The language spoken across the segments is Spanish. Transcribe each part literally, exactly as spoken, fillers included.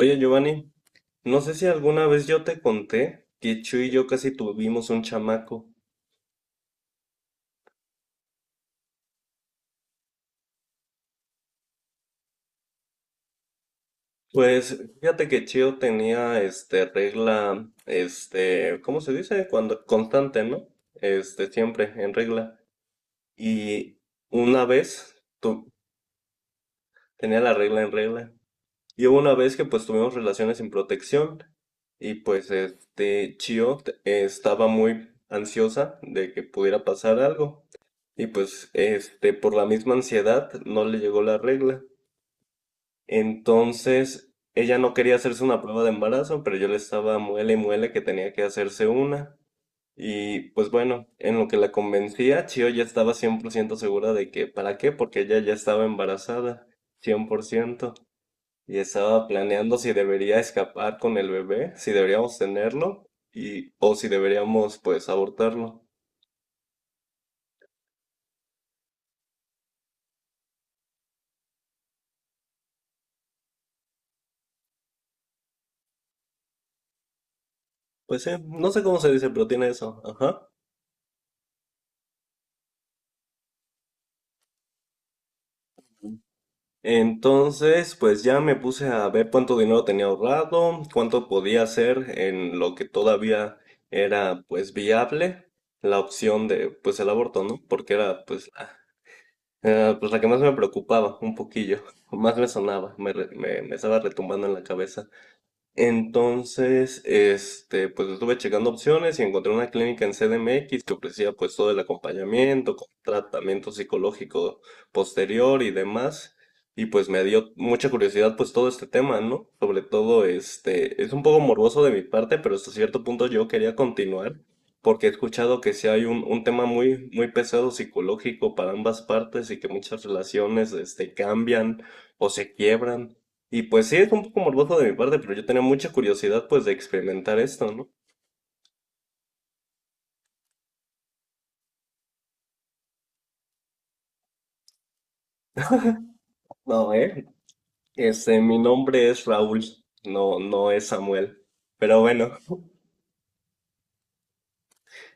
Oye, Giovanni, no sé si alguna vez yo te conté que Chu y yo casi tuvimos un chamaco. Pues fíjate que Chio tenía este regla, este, ¿cómo se dice? Cuando constante, ¿no? Este, siempre en regla. Y una vez tu- tenía la regla en regla. Y hubo una vez que pues tuvimos relaciones sin protección y pues este Chio t- eh, estaba muy ansiosa de que pudiera pasar algo y pues este por la misma ansiedad no le llegó la regla. Entonces ella no quería hacerse una prueba de embarazo, pero yo le estaba muele y muele que tenía que hacerse una. Y pues bueno, en lo que la convencía, Chio ya estaba cien por ciento segura de que, ¿para qué? Porque ella ya estaba embarazada, cien por ciento y estaba planeando si debería escapar con el bebé, si deberíamos tenerlo y o si deberíamos pues abortarlo. Pues sí, no sé cómo se dice, pero tiene eso. Ajá. Entonces, pues ya me puse a ver cuánto dinero tenía ahorrado, cuánto podía hacer en lo que todavía era pues viable la opción de pues el aborto, ¿no? Porque era pues la, eh, pues la que más me preocupaba un poquillo, más me sonaba, me, re- me, me estaba retumbando en la cabeza. Entonces, este, pues estuve checando opciones y encontré una clínica en C D M X que ofrecía pues todo el acompañamiento, con tratamiento psicológico posterior y demás. Y pues me dio mucha curiosidad pues todo este tema, ¿no? Sobre todo, este, es un poco morboso de mi parte, pero hasta cierto punto yo quería continuar porque he escuchado que sí hay un, un tema muy, muy pesado psicológico para ambas partes y que muchas relaciones, este, cambian o se quiebran. Y pues sí, es un poco morboso de mi parte, pero yo tenía mucha curiosidad pues de experimentar esto, ¿no? No, eh. Este, mi nombre es Raúl, no, no es Samuel. Pero bueno,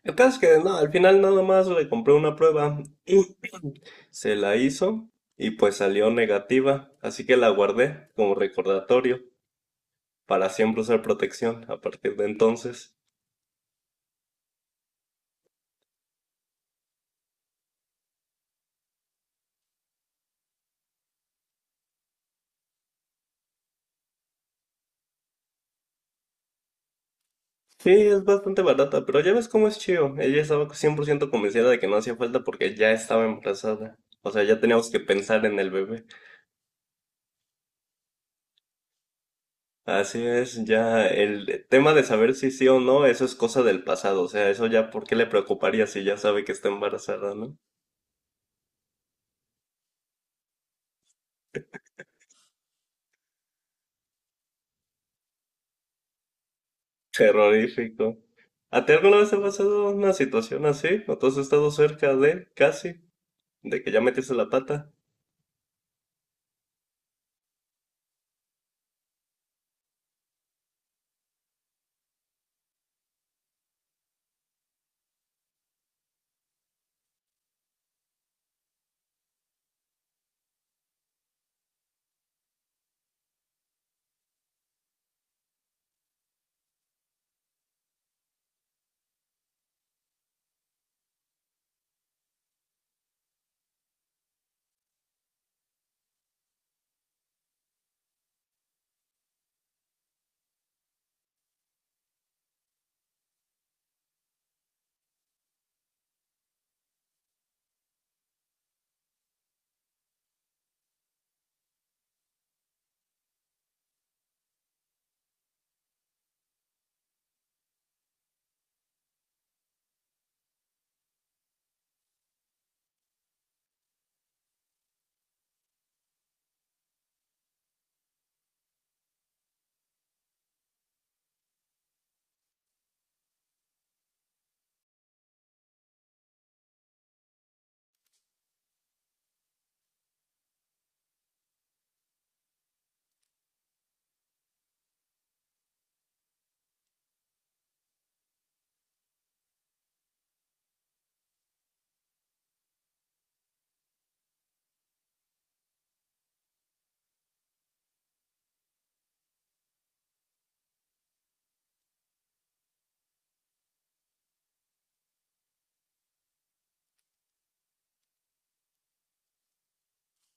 el caso es que no, al final nada más le compré una prueba, se la hizo y pues salió negativa, así que la guardé como recordatorio para siempre usar protección a partir de entonces. Sí, es bastante barata, pero ya ves cómo es Chio. Ella estaba cien por ciento convencida de que no hacía falta porque ya estaba embarazada. O sea, ya teníamos que pensar en el bebé. Así es, ya el tema de saber si sí o no, eso es cosa del pasado. O sea, eso ya, ¿por qué le preocuparía si ya sabe que está embarazada, no? Terrorífico. ¿A ti alguna vez te ha pasado una situación así? ¿O tú has estado cerca de, casi, de que ya metiste la pata?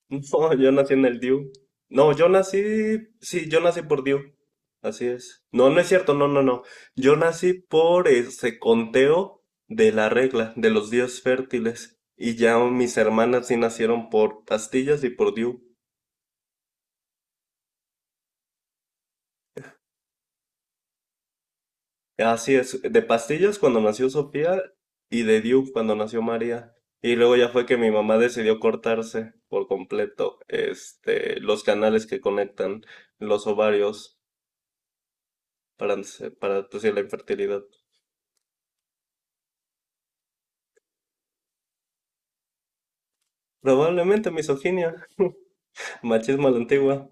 No, yo nací en el D I U. No, yo nací, sí, yo nací por D I U. Así es. No, no es cierto, no, no, no. Yo nací por ese conteo de la regla, de los días fértiles. Y ya mis hermanas sí nacieron por pastillas y por D I U. Así es, de pastillas cuando nació Sofía y de D I U cuando nació María. Y luego ya fue que mi mamá decidió cortarse por completo, este, los canales que conectan los ovarios. para, para producir la infertilidad. Probablemente misoginia, machismo a la antigua.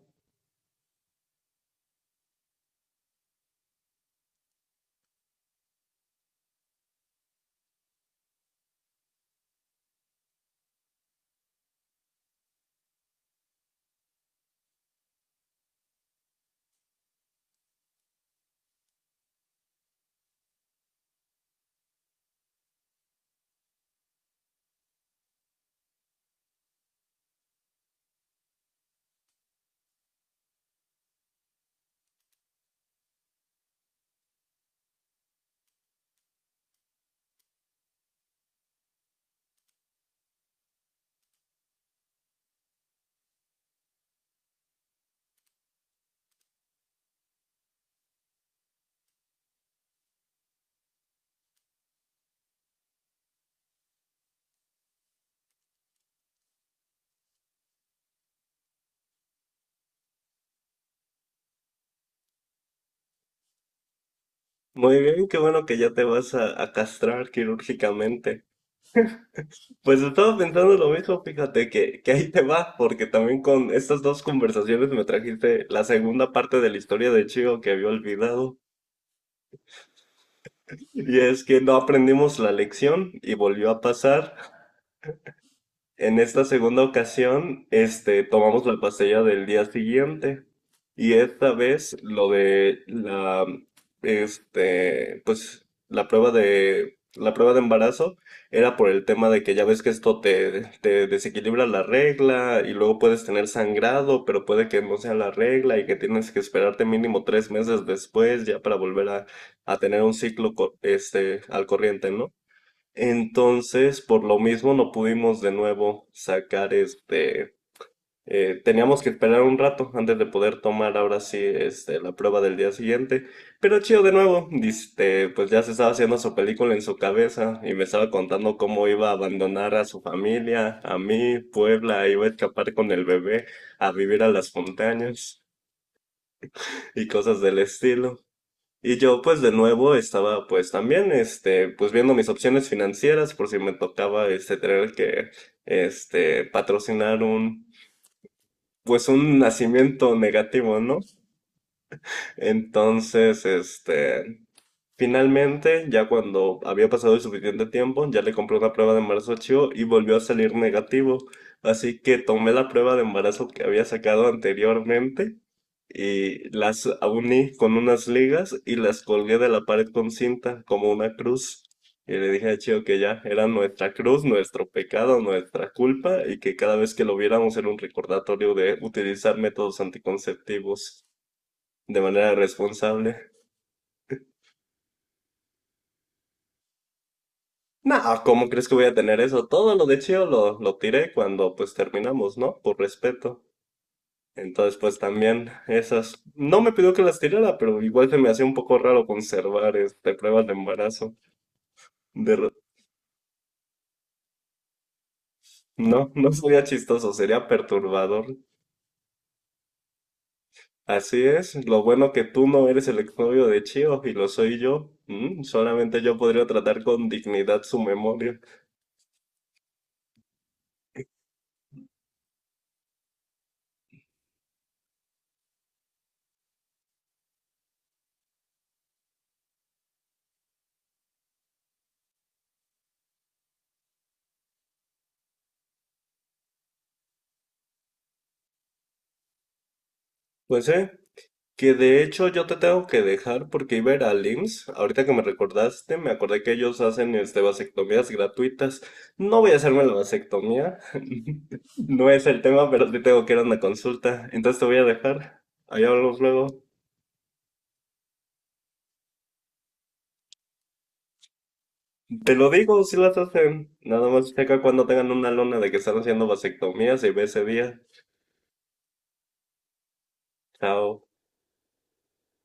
Muy bien, qué bueno que ya te vas a, a castrar quirúrgicamente. Pues estaba pensando lo mismo, fíjate que, que ahí te va, porque también con estas dos conversaciones me trajiste la segunda parte de la historia de Chico que había olvidado. Y es que no aprendimos la lección y volvió a pasar. En esta segunda ocasión, este, tomamos la pastilla del día siguiente y esta vez lo de la, este, pues la prueba de, la prueba de embarazo era por el tema de que ya ves que esto te, te desequilibra la regla y luego puedes tener sangrado, pero puede que no sea la regla y que tienes que esperarte mínimo tres meses después ya para volver a, a tener un ciclo, co- este, al corriente, ¿no? Entonces, por lo mismo, no pudimos de nuevo sacar este. Eh, teníamos que esperar un rato antes de poder tomar ahora sí este, la prueba del día siguiente. Pero chido de nuevo, este, pues ya se estaba haciendo su película en su cabeza y me estaba contando cómo iba a abandonar a su familia, a mí, Puebla, iba a escapar con el bebé a vivir a las montañas y cosas del estilo. Y yo pues de nuevo estaba pues también este pues viendo mis opciones financieras por si me tocaba este tener que este patrocinar un pues un nacimiento negativo, ¿no? Entonces, este finalmente, ya cuando había pasado el suficiente tiempo, ya le compré una prueba de embarazo a Chio y volvió a salir negativo. Así que tomé la prueba de embarazo que había sacado anteriormente y las uní con unas ligas y las colgué de la pared con cinta como una cruz. Y le dije a Chio que ya era nuestra cruz, nuestro pecado, nuestra culpa y que cada vez que lo viéramos era un recordatorio de utilizar métodos anticonceptivos de manera responsable. No, ¿cómo crees que voy a tener eso? Todo lo de Chio lo, lo tiré cuando pues terminamos, ¿no? Por respeto. Entonces pues también esas... No me pidió que las tirara, pero igual se me hacía un poco raro conservar este, pruebas de embarazo. De... re- No, no sería chistoso, sería perturbador. Así es, lo bueno que tú no eres el exnovio de Chio y lo soy yo. Mm, solamente yo podría tratar con dignidad su memoria. Pues sí, que de hecho yo te tengo que dejar porque iba a ir al I M S S. Ahorita que me recordaste, me acordé que ellos hacen este, vasectomías gratuitas. No voy a hacerme la vasectomía. No es el tema, pero sí tengo que ir a una consulta. Entonces te voy a dejar. Ahí hablamos luego. Te lo digo si las hacen. Nada más checa cuando tengan una lona de que están haciendo vasectomías y ve ese día. Chao.